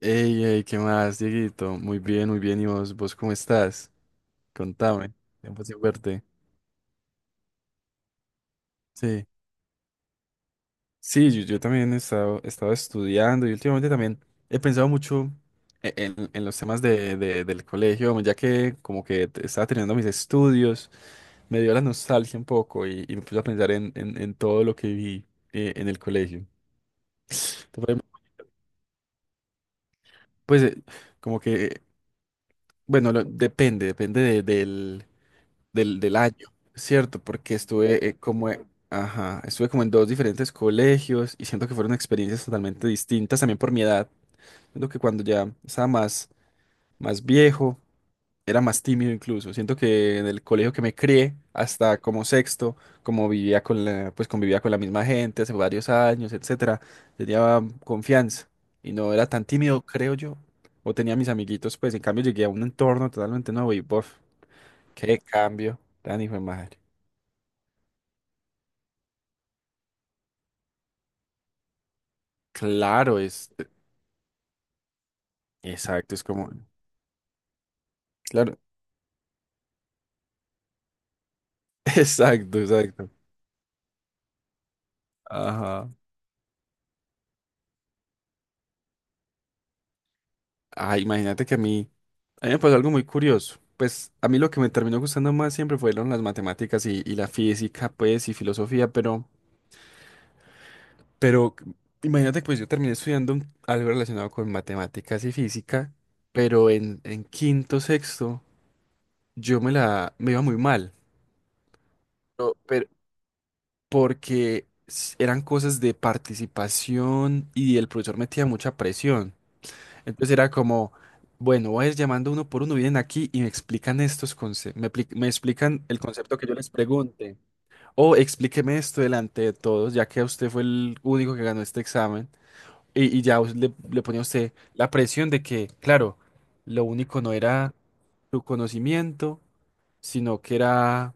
Ey, ey, ¿qué más, Dieguito? Muy bien, muy bien. ¿Y vos cómo estás? Contame. Tiempo sin verte. Sí. Sí, yo también he estado estudiando y últimamente también he pensado mucho en los temas del colegio, ya que como que estaba terminando mis estudios, me dio la nostalgia un poco y me puse a pensar en todo lo que vi en el colegio. Entonces, pues, como que, bueno, depende del año, ¿cierto? Porque ajá, estuve como en dos diferentes colegios y siento que fueron experiencias totalmente distintas también por mi edad. Siento que cuando ya estaba más, más viejo, era más tímido incluso. Siento que en el colegio que me crié, hasta como sexto, como pues convivía con la misma gente hace varios años, etcétera, tenía confianza y no era tan tímido, creo yo. O tenía mis amiguitos, pues en cambio llegué a un entorno totalmente nuevo y, bof, qué cambio, tan hijo de madre. Claro, es exacto, es como, claro, exacto, exacto. Ajá. Ah, imagínate que a mí me pasó algo muy curioso. Pues a mí lo que me terminó gustando más siempre fueron las matemáticas y la física, pues, y filosofía, pero imagínate que pues yo terminé estudiando algo relacionado con matemáticas y física, pero en quinto, sexto, yo me iba muy mal. No, pero porque eran cosas de participación y el profesor metía mucha presión. Entonces era como, bueno, voy a ir llamando uno por uno, vienen aquí y me explican estos conceptos, me explican el concepto que yo les pregunte, o explíqueme esto delante de todos, ya que usted fue el único que ganó este examen, y ya le ponía a usted la presión de que, claro, lo único no era su conocimiento, sino que era,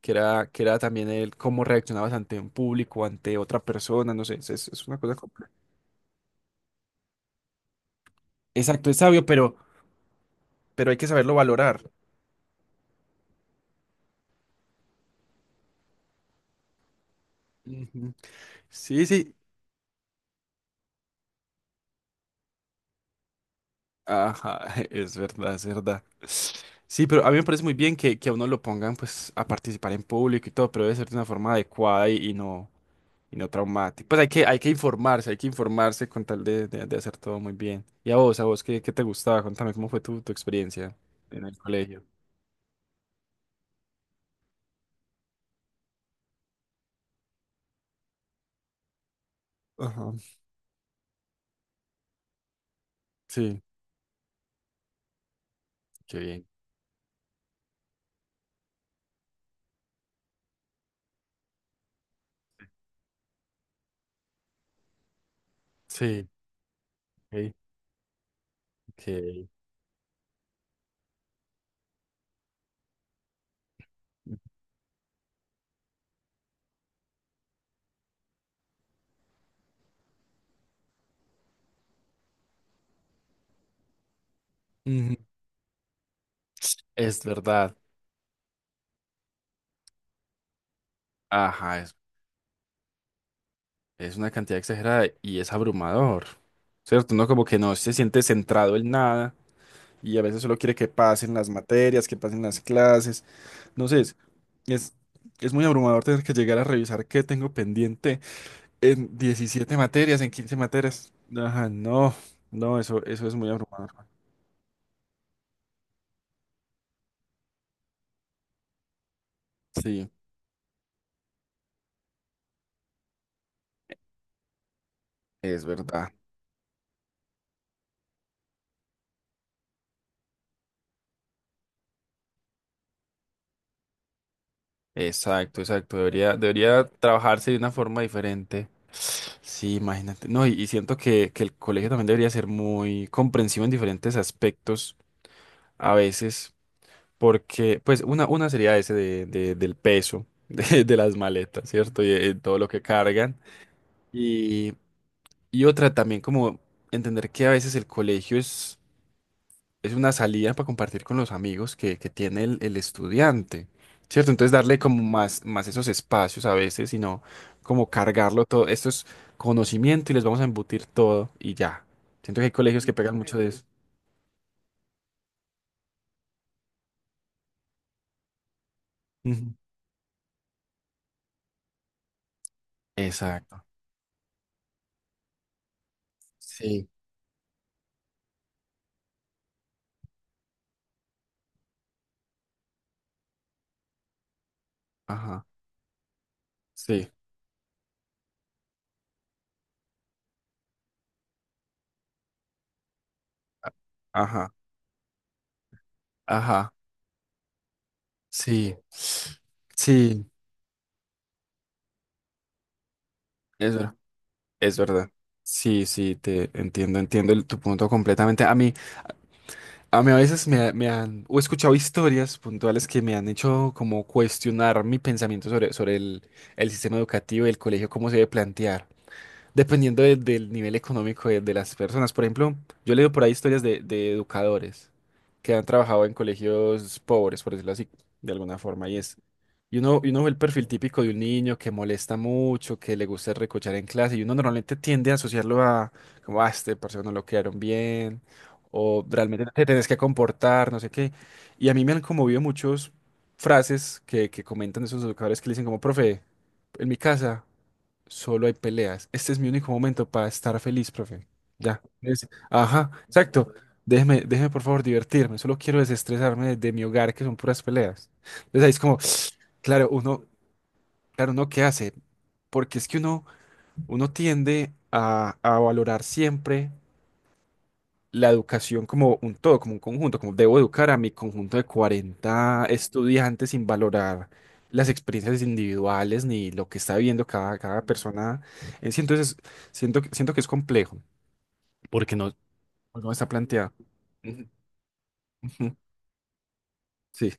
que era, que era también el cómo reaccionabas ante un público, ante otra persona, no sé, es una cosa compleja. Exacto, es sabio, pero hay que saberlo valorar. Ujú. Sí, sí. Ajá, es verdad, es verdad. Sí, pero a mí me parece muy bien que a uno lo pongan pues a participar en público y todo, pero debe ser de una forma adecuada y no traumática. Pues hay que informarse con tal de hacer todo muy bien. Y a vos, ¿qué te gustaba? Contame, ¿cómo fue tu experiencia en el colegio? Ajá. Sí, qué bien. Sí, ok, ok. Ujú. Es verdad. Ajá. Es una cantidad exagerada y es abrumador, ¿cierto? Uno como que no se siente centrado en nada y a veces solo quiere que pasen las materias, que pasen las clases. No sé, es, es muy abrumador tener que llegar a revisar qué tengo pendiente en 17 materias, en 15 materias. Ajá, no, no, eso es muy abrumador. Sí, es verdad. Exacto, exacto. Debería trabajarse de una forma diferente. Sí, imagínate. No, y siento que el colegio también debería ser muy comprensivo en diferentes aspectos a veces, porque, pues, una sería ese del peso de las maletas, ¿cierto? Y todo lo que cargan. Y, y otra también como entender que a veces el colegio es una salida para compartir con los amigos que tiene el estudiante, ¿cierto? Entonces darle como más, más esos espacios a veces, sino como cargarlo todo. Esto es conocimiento y les vamos a embutir todo y ya. Siento que hay colegios que pegan mucho de eso. Ujú. Exacto. Sí. Ajá. Sí. Ajá. Ajá. Sí. Sí. Es verdad. Es verdad. Sí, sí, te entiendo, entiendo tu punto completamente. A mí a veces me han, o he escuchado historias puntuales que me han hecho como cuestionar mi pensamiento sobre el sistema educativo y el colegio, cómo se debe plantear dependiendo del nivel económico de las personas. Por ejemplo, yo he leído por ahí historias de educadores que han trabajado en colegios pobres, por decirlo así, de alguna forma. Y uno ve el perfil típico de un niño que molesta mucho, que le gusta recochar en clase, y uno normalmente tiende a asociarlo a, como, ah, este parce no lo quedaron bien, o realmente te tenés que comportar, no sé qué. Y a mí me han conmovido muchos frases que comentan esos educadores que le dicen como, profe, en mi casa. Solo hay peleas. Este es mi único momento para estar feliz, profe. Ya. Ajá, exacto. Déjeme, déjeme por favor divertirme. Solo quiero desestresarme de mi hogar, que son puras peleas. Entonces ahí es como, claro, claro, uno qué hace. Porque es que uno tiende a valorar siempre la educación como un todo, como un conjunto, como debo educar a mi conjunto de 40 estudiantes sin valorar las experiencias individuales ni lo que está viviendo cada persona en sí. Entonces, siento que es complejo porque no, no está planteado. Ujú, ujú. Sí.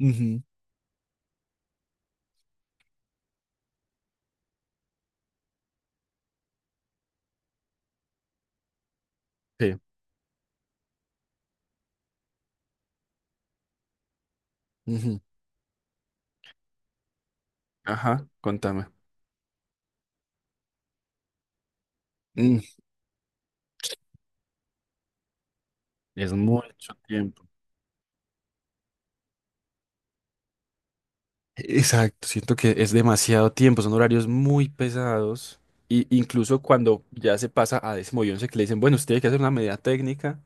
Ujú. Sí. Ujú. Ajá, contame. Mm, Es mucho tiempo. Exacto, siento que es demasiado tiempo, son horarios muy pesados. Y incluso cuando ya se pasa a décimo y once que le dicen, bueno, usted tiene que hacer una medida técnica,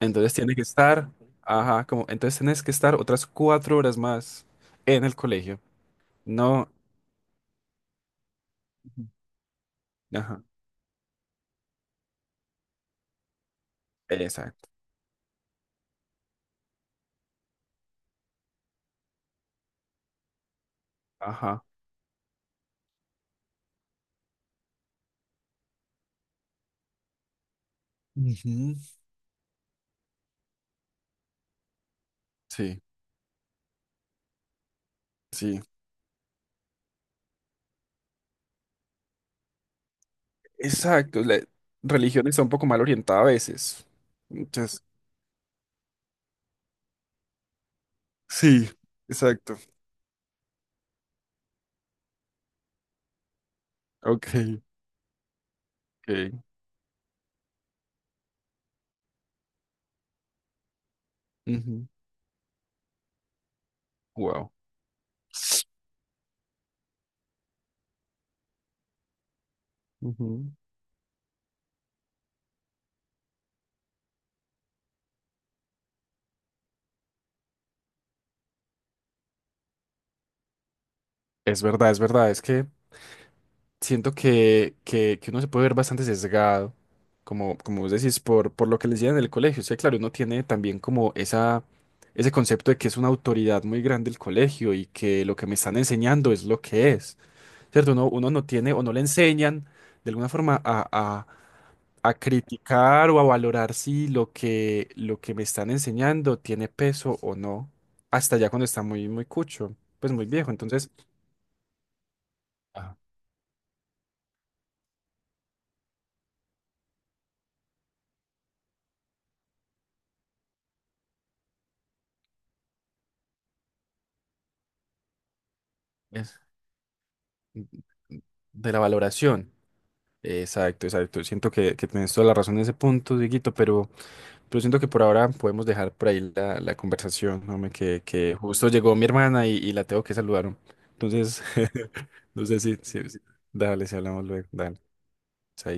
entonces ajá, como, entonces tienes que estar otras 4 horas más en el colegio. No, ajá, exacto, ajá. Ujú. Sí, sí, exacto. La religión está un poco mal orientada a veces. Entonces, sí, exacto. Ok, ok. Wow. Es verdad, es verdad. Es que siento que uno se puede ver bastante sesgado, como vos decís, por lo que le decían en el colegio. O sea, claro, uno tiene también como ese concepto de que es una autoridad muy grande el colegio y que lo que me están enseñando es lo que es, ¿cierto? Uno no tiene o no le enseñan de alguna forma a criticar o a valorar si lo que me están enseñando tiene peso o no, hasta ya cuando está muy, muy cucho, pues muy viejo. Entonces. Ajá. De la valoración. Exacto, exacto. Siento que tienes toda la razón en ese punto, Dieguito, pero siento que por ahora podemos dejar por ahí la conversación, hombre, que justo llegó mi hermana y la tengo que saludar, hombre. Entonces, no sé Dale, si hablamos luego. Dale. Chaito.